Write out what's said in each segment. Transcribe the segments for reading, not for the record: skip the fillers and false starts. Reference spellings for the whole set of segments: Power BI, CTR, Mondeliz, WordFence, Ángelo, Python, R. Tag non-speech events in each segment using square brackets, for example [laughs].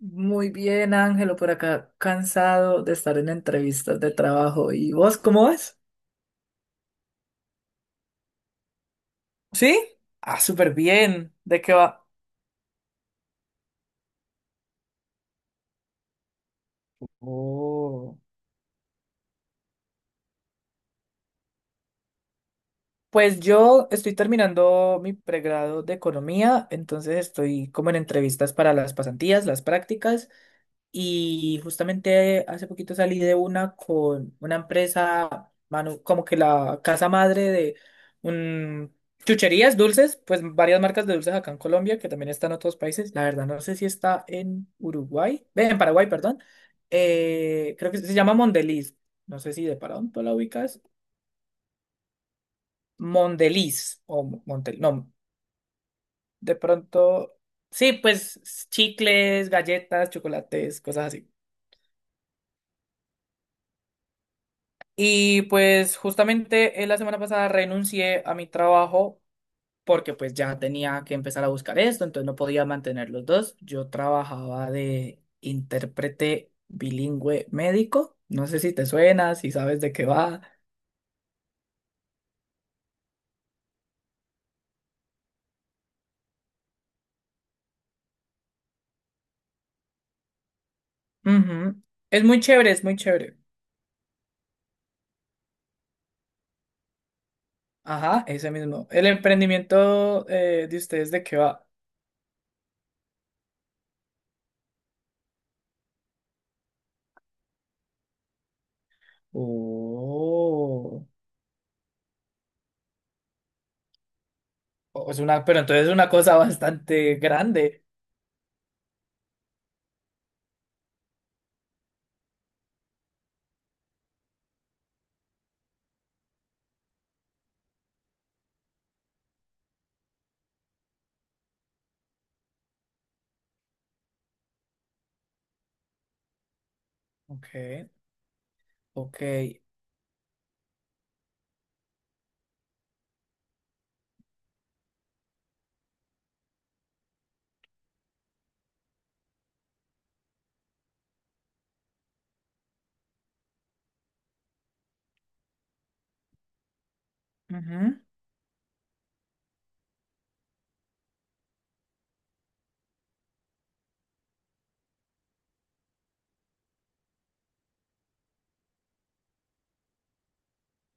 Muy bien, Ángelo, por acá cansado de estar en entrevistas de trabajo. ¿Y vos cómo vas? ¿Sí? Ah, súper bien. ¿De qué va? Oh. Pues yo estoy terminando mi pregrado de economía, entonces estoy como en entrevistas para las pasantías, las prácticas. Y justamente hace poquito salí de una con una empresa, como que la casa madre de un, chucherías, dulces, pues varias marcas de dulces acá en Colombia, que también están en otros países. La verdad, no sé si está en Uruguay, ve, en Paraguay, perdón. Creo que se llama Mondeliz. No sé si de pronto la ubicas. Mondeliz o Montel, no, de pronto. Sí, pues chicles, galletas, chocolates, cosas así. Y pues justamente la semana pasada renuncié a mi trabajo porque pues ya tenía que empezar a buscar esto, entonces no podía mantener los dos. Yo trabajaba de intérprete bilingüe médico. No sé si te suena, si sabes de qué va. Ujú. Es muy chévere, es muy chévere. Ajá, ese mismo. El emprendimiento de ustedes, ¿de qué va? Oh. Es una, pero entonces es una cosa bastante grande. Ok, ok. Ujú.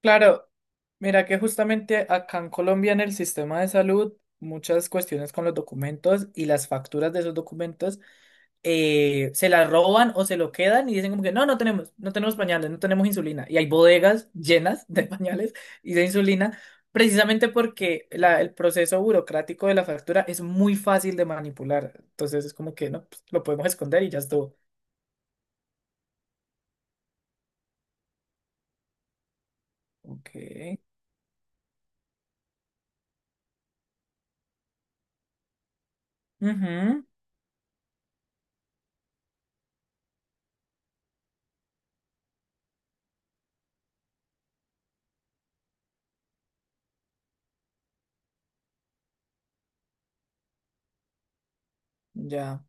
Claro, mira que justamente acá en Colombia en el sistema de salud, muchas cuestiones con los documentos y las facturas de esos documentos se las roban o se lo quedan y dicen como que no, no tenemos, no tenemos pañales, no tenemos insulina. Y hay bodegas llenas de pañales y de insulina, precisamente porque el proceso burocrático de la factura es muy fácil de manipular. Entonces es como que no, pues, lo podemos esconder y ya estuvo. Ok. Ujú. Ya.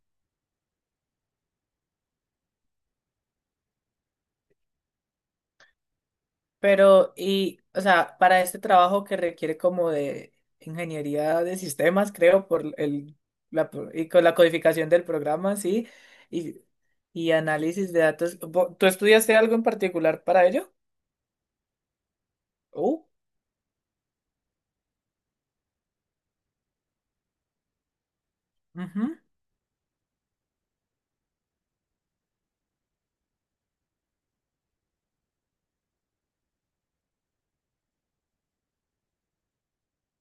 Pero, y, o sea, para este trabajo que requiere como de ingeniería de sistemas, creo, por el, y con la codificación del programa, sí, y, y análisis de datos. ¿Tú estudiaste algo en particular para ello? Oh, ujú.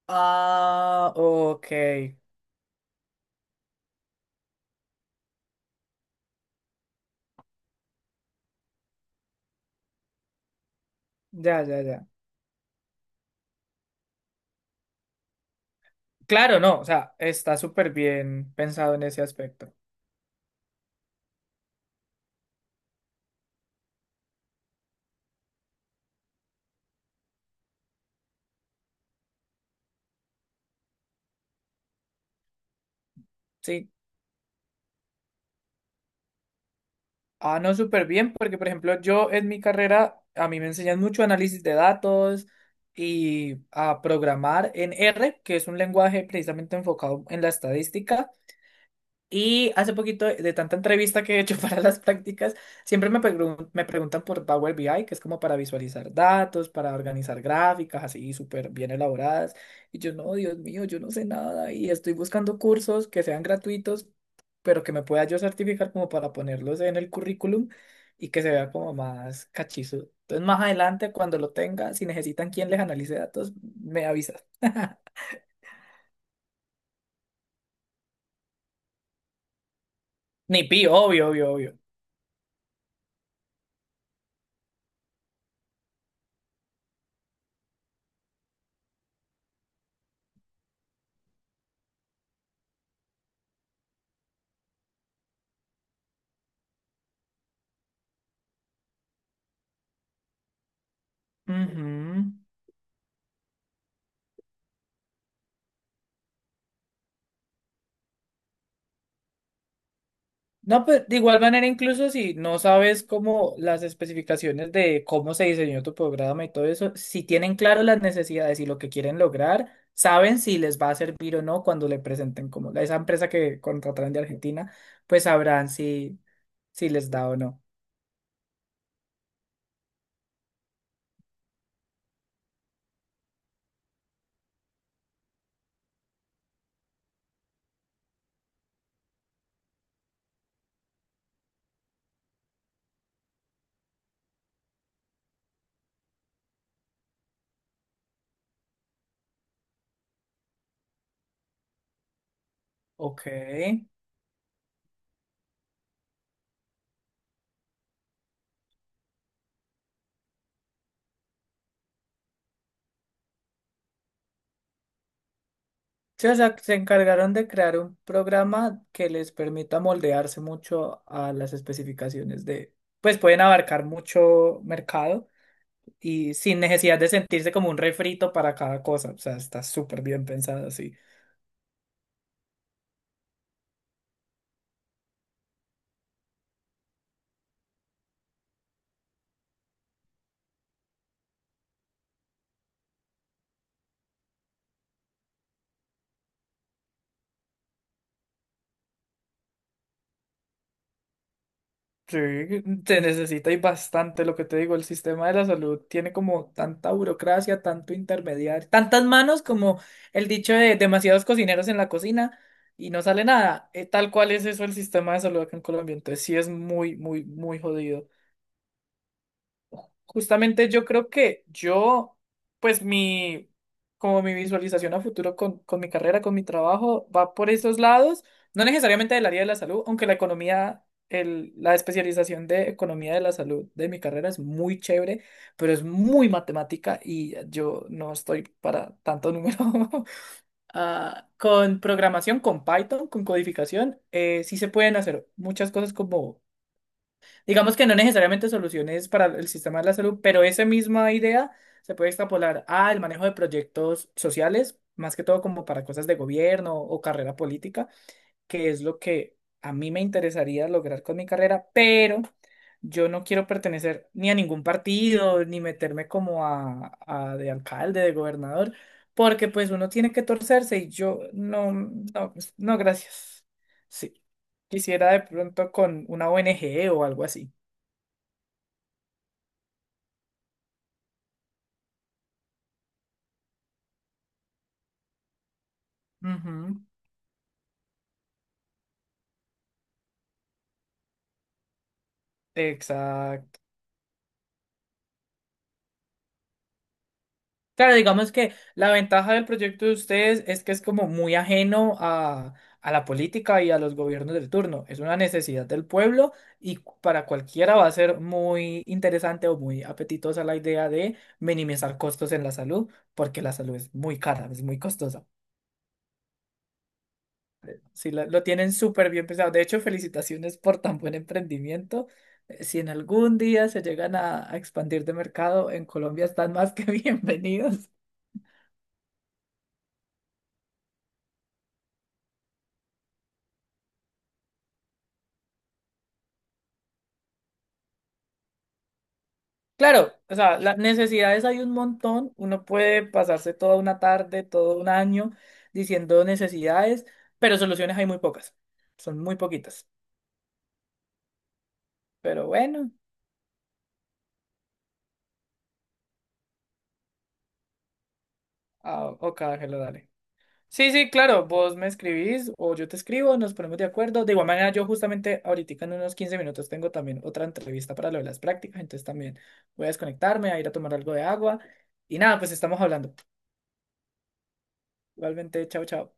Ah, ok. Ya, ya, ya. Claro, no, o sea, está súper bien pensado en ese aspecto. Sí, ah, no, súper bien, porque por ejemplo yo en mi carrera a mí me enseñan mucho análisis de datos y a programar en R, que es un lenguaje precisamente enfocado en la estadística. Y hace poquito, de tanta entrevista que he hecho [laughs] para las prácticas, siempre me preguntan por Power BI, que es como para visualizar datos, para organizar gráficas así súper bien elaboradas. Y yo, no, Dios mío, yo no sé nada y estoy buscando cursos que sean gratuitos, pero que me pueda yo certificar como para ponerlos en el currículum y que se vea como más cachizo. Entonces, más adelante, cuando lo tenga, si necesitan quien les analice datos, me avisa. Ni pi, obvio, obvio, obvio. Ujú. No, pues de igual manera, incluso si no sabes cómo las especificaciones de cómo se diseñó tu programa y todo eso, si tienen claro las necesidades y lo que quieren lograr, saben si les va a servir o no cuando le presenten como esa empresa que contrataron de Argentina, pues sabrán si, si les da o no. Ok. Sí, o sea, se encargaron de crear un programa que les permita moldearse mucho a las especificaciones de, pues pueden abarcar mucho mercado y sin necesidad de sentirse como un refrito para cada cosa. O sea, está súper bien pensado, sí. Sí, se necesita y bastante lo que te digo, el sistema de la salud tiene como tanta burocracia, tanto intermediario, tantas manos como el dicho de demasiados cocineros en la cocina y no sale nada. Tal cual es eso el sistema de salud acá en Colombia, entonces sí es muy, muy, muy jodido. Justamente yo creo que yo, pues mi, como mi visualización a futuro con mi carrera, con mi trabajo, va por esos lados, no necesariamente del área de la salud, aunque la economía, el, la especialización de economía de la salud de mi carrera es muy chévere, pero es muy matemática y yo no estoy para tanto número. [laughs] Ah, con programación, con Python, con codificación, sí se pueden hacer muchas cosas como. Digamos que no necesariamente soluciones para el sistema de la salud, pero esa misma idea se puede extrapolar al manejo de proyectos sociales, más que todo como para cosas de gobierno o carrera política, que es lo que a mí me interesaría lograr con mi carrera, pero yo no quiero pertenecer ni a ningún partido, ni meterme como a de alcalde, de gobernador, porque pues uno tiene que torcerse y yo no, no, pues, no, gracias. Sí. Quisiera de pronto con una ONG o algo así. Ujú, exacto. Claro, digamos que la ventaja del proyecto de ustedes es que es como muy ajeno a la política y a los gobiernos del turno. Es una necesidad del pueblo y para cualquiera va a ser muy interesante o muy apetitosa la idea de minimizar costos en la salud, porque la salud es muy cara, es muy costosa. Sí, lo tienen súper bien pensado. De hecho, felicitaciones por tan buen emprendimiento. Si en algún día se llegan a expandir de mercado, en Colombia están más que [laughs] bienvenidos. Claro, o sea, las necesidades hay un montón. Uno puede pasarse toda una tarde, todo un año diciendo necesidades, pero soluciones hay muy pocas. Son muy poquitas. Pero bueno, ah, ok, Ángela, dale. Sí, sí, claro, vos me escribís o yo te escribo, nos ponemos de acuerdo. De igual manera, yo justamente ahorita en unos 15 minutos tengo también otra entrevista para lo de las prácticas, entonces también voy a desconectarme, a ir a tomar algo de agua. Y nada, pues estamos hablando. Igualmente, chao, chao.